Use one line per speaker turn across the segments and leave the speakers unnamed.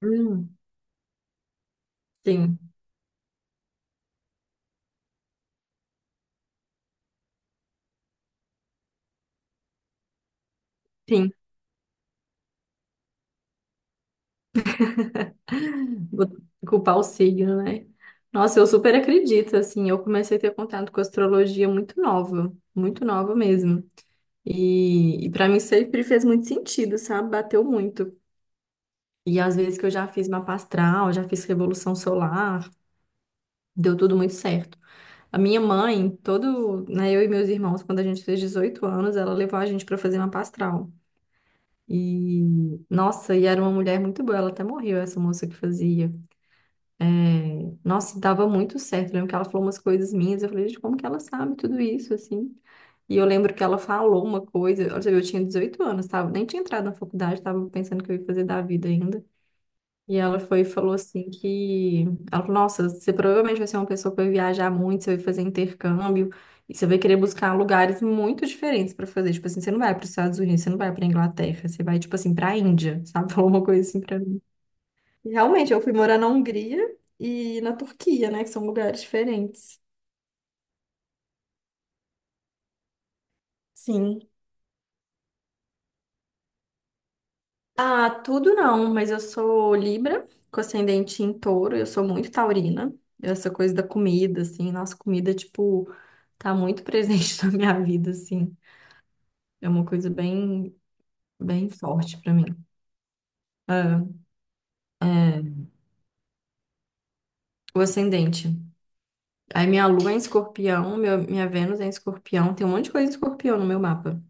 Hum, sim, sim. Vou culpar o signo, né? Nossa, eu super acredito, assim, eu comecei a ter contato com astrologia muito nova mesmo. E para mim sempre fez muito sentido, sabe? Bateu muito. E às vezes que eu já fiz mapa astral, já fiz revolução solar, deu tudo muito certo. A minha mãe, todo, né, eu e meus irmãos, quando a gente fez 18 anos, ela levou a gente para fazer mapa astral. E, nossa, e era uma mulher muito boa, ela até morreu, essa moça que fazia. É, nossa, dava muito certo. Eu lembro que ela falou umas coisas minhas. Eu falei, gente, como que ela sabe tudo isso, assim? E eu lembro que ela falou uma coisa. Olha, você vê, eu tinha 18 anos, tava, nem tinha entrado na faculdade, tava pensando o que eu ia fazer da vida ainda. E ela foi e falou assim que... Ela falou, nossa, você provavelmente vai ser uma pessoa que vai viajar muito, você vai fazer intercâmbio, e você vai querer buscar lugares muito diferentes para fazer. Tipo assim, você não vai para os Estados Unidos, você não vai para Inglaterra, você vai, tipo assim, para a Índia, sabe? Falou uma coisa assim para Realmente, eu fui morar na Hungria e na Turquia, né? Que são lugares diferentes. Sim. Ah, tudo não, mas eu sou Libra, com ascendente em touro, eu sou muito taurina. Essa coisa da comida, assim, nossa comida, tipo, tá muito presente na minha vida, assim. É uma coisa bem, bem forte pra mim. Ah, é o ascendente. Aí minha lua é em escorpião, minha Vênus é em escorpião, tem um monte de coisa em escorpião no meu mapa.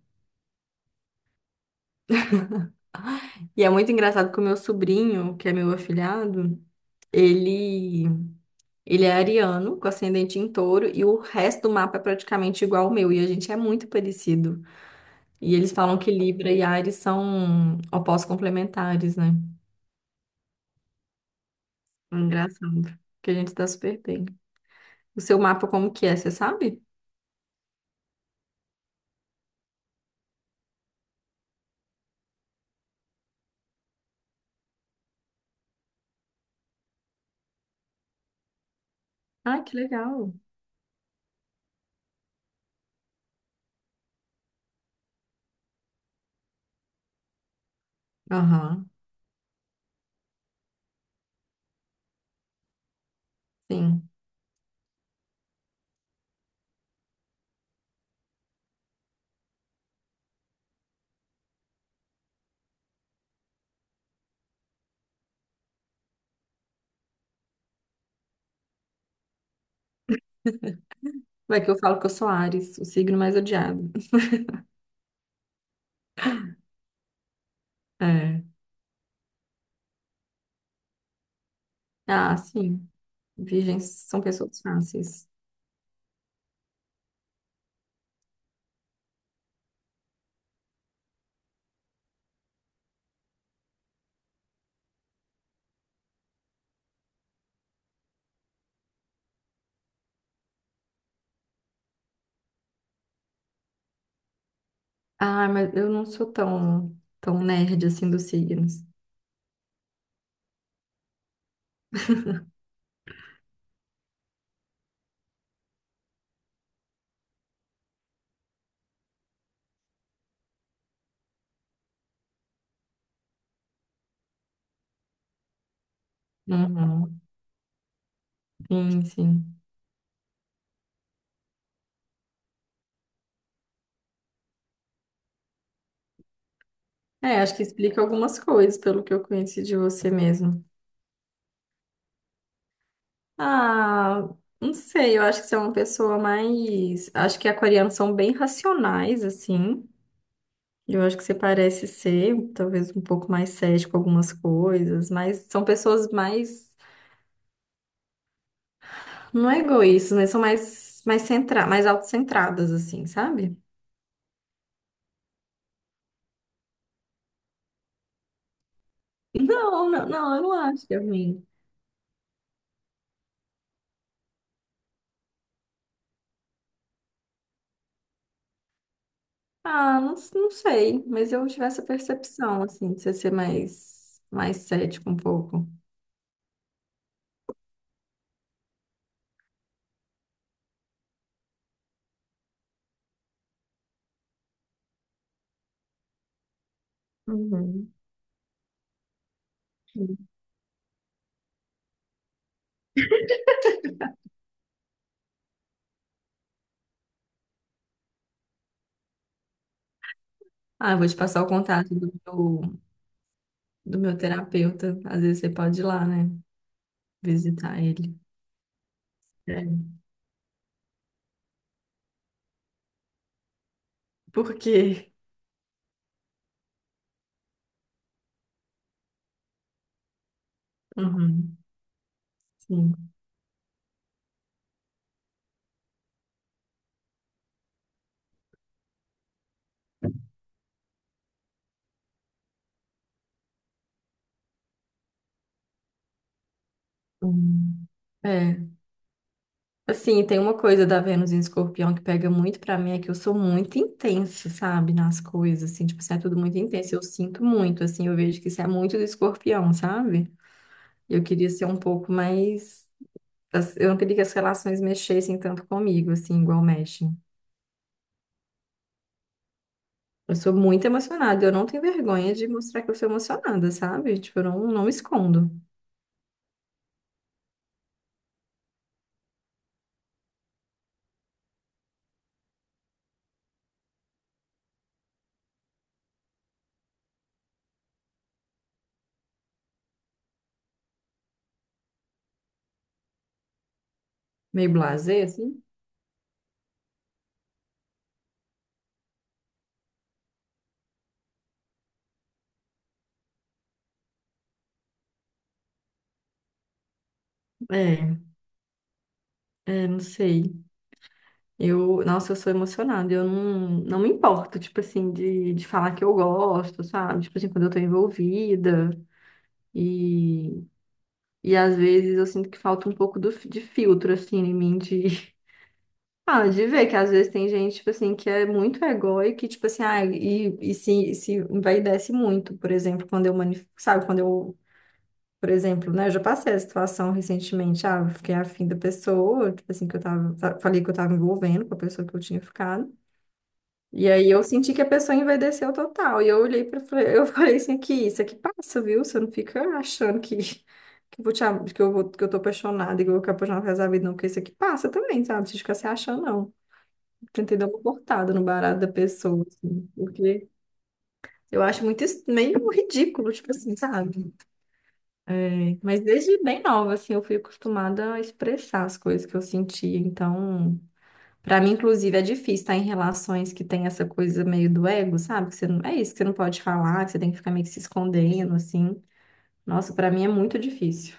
E é muito engraçado que o meu sobrinho, que é meu afilhado, Ele, ele é ariano, com ascendente em touro, e o resto do mapa é praticamente igual ao meu, e a gente é muito parecido. E eles falam que Libra e Ares são opostos complementares, né? Engraçado, que a gente tá super bem. O seu mapa como que é, você sabe? Ah, que legal. Aham, sim. Vai que eu falo que eu sou Ares, o signo mais odiado. É. Ah, sim. Virgens são pessoas fáceis. Ah, mas eu não sou tão, tão nerd assim dos signos. Uhum. Sim, sim. É, acho que explica algumas coisas pelo que eu conheci de você mesmo. Ah, não sei, eu acho que você é uma pessoa mais. Acho que aquarianos são bem racionais, assim. Eu acho que você parece ser, talvez, um pouco mais cético com algumas coisas, mas são pessoas mais. Não é egoístas, mas são mais, centra... mais autocentradas, assim, sabe? Não, não, não, eu não acho que é ruim. Ah, não, não sei, mas eu tive essa percepção, assim, de você ser mais cético um pouco. Uhum. Ah, eu vou te passar o contato do meu terapeuta. Às vezes você pode ir lá, né? Visitar ele. É. Por quê? Uhum, sim. Hum. É. Assim, tem uma coisa da Vênus em Escorpião que pega muito pra mim, é que eu sou muito intensa, sabe? Nas coisas, assim, tipo, assim, é tudo muito intenso. Eu sinto muito, assim, eu vejo que isso é muito do Escorpião, sabe? Eu queria ser um pouco mais. Eu não queria que as relações mexessem tanto comigo, assim, igual mexem. Eu sou muito emocionada, eu não tenho vergonha de mostrar que eu sou emocionada, sabe? Tipo, eu não, não me escondo. Meio blasé, assim. É, é, não sei. Eu, nossa, eu sou emocionada, eu não, não me importo, tipo assim, de falar que eu gosto, sabe? Tipo assim, quando eu tô envolvida. E, e às vezes eu sinto que falta um pouco do, de filtro, assim, em mim, de Ah, de ver que às vezes tem gente, tipo assim, que é muito egóica e, tipo assim, ah, e se envaidece muito, por exemplo, quando eu manif... sabe, quando eu, por exemplo, né, eu já passei a situação recentemente, ah, eu fiquei afim da pessoa, tipo assim, que eu tava, falei que eu tava envolvendo com a pessoa que eu tinha ficado, e aí eu senti que a pessoa envaideceu total, e eu olhei pra, eu falei assim, aqui, isso aqui passa, viu, você não fica achando que... Que eu, vou te, eu vou, que eu tô apaixonada, e que eu vou ficar apaixonada pro resto da vida, não, porque isso aqui passa também, sabe? Não precisa ficar se achando, não. Tentei dar uma cortada no barato da pessoa, assim, porque eu acho muito meio ridículo, tipo assim, sabe? É, mas desde bem nova, assim, eu fui acostumada a expressar as coisas que eu sentia. Então, pra mim, inclusive, é difícil estar em relações que tem essa coisa meio do ego, sabe? Que você não, é isso que você não pode falar, que você tem que ficar meio que se escondendo, assim. Nossa, pra mim é muito difícil.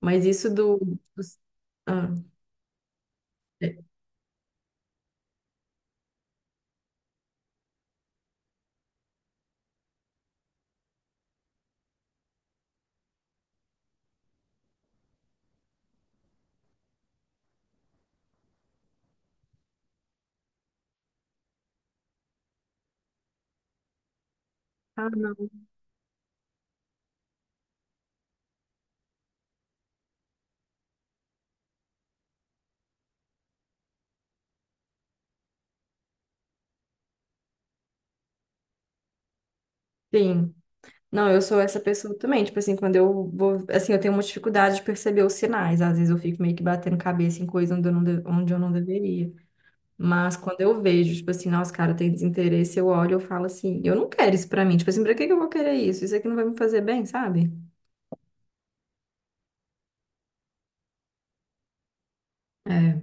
Mas isso do, dos- ah, é- não. Sim. Não, eu sou essa pessoa também. Tipo assim, quando eu vou. Assim, eu tenho uma dificuldade de perceber os sinais. Às vezes eu fico meio que batendo cabeça em coisa onde eu não, onde eu não deveria. Mas quando eu vejo, tipo assim, nossa, cara, tem desinteresse, eu olho, eu falo assim, eu não quero isso pra mim. Tipo assim, pra que que eu vou querer isso? Isso aqui não vai me fazer bem, sabe? É,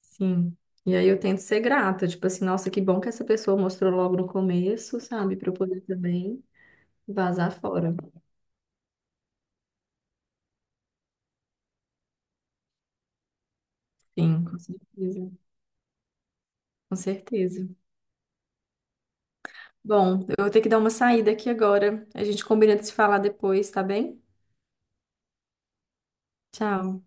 sim. E aí eu tento ser grata. Tipo assim, nossa, que bom que essa pessoa mostrou logo no começo, sabe? Pra eu poder também vazar fora. Sim, com certeza. Com certeza. Bom, eu vou ter que dar uma saída aqui agora. A gente combina de se falar depois, tá bem? Tchau.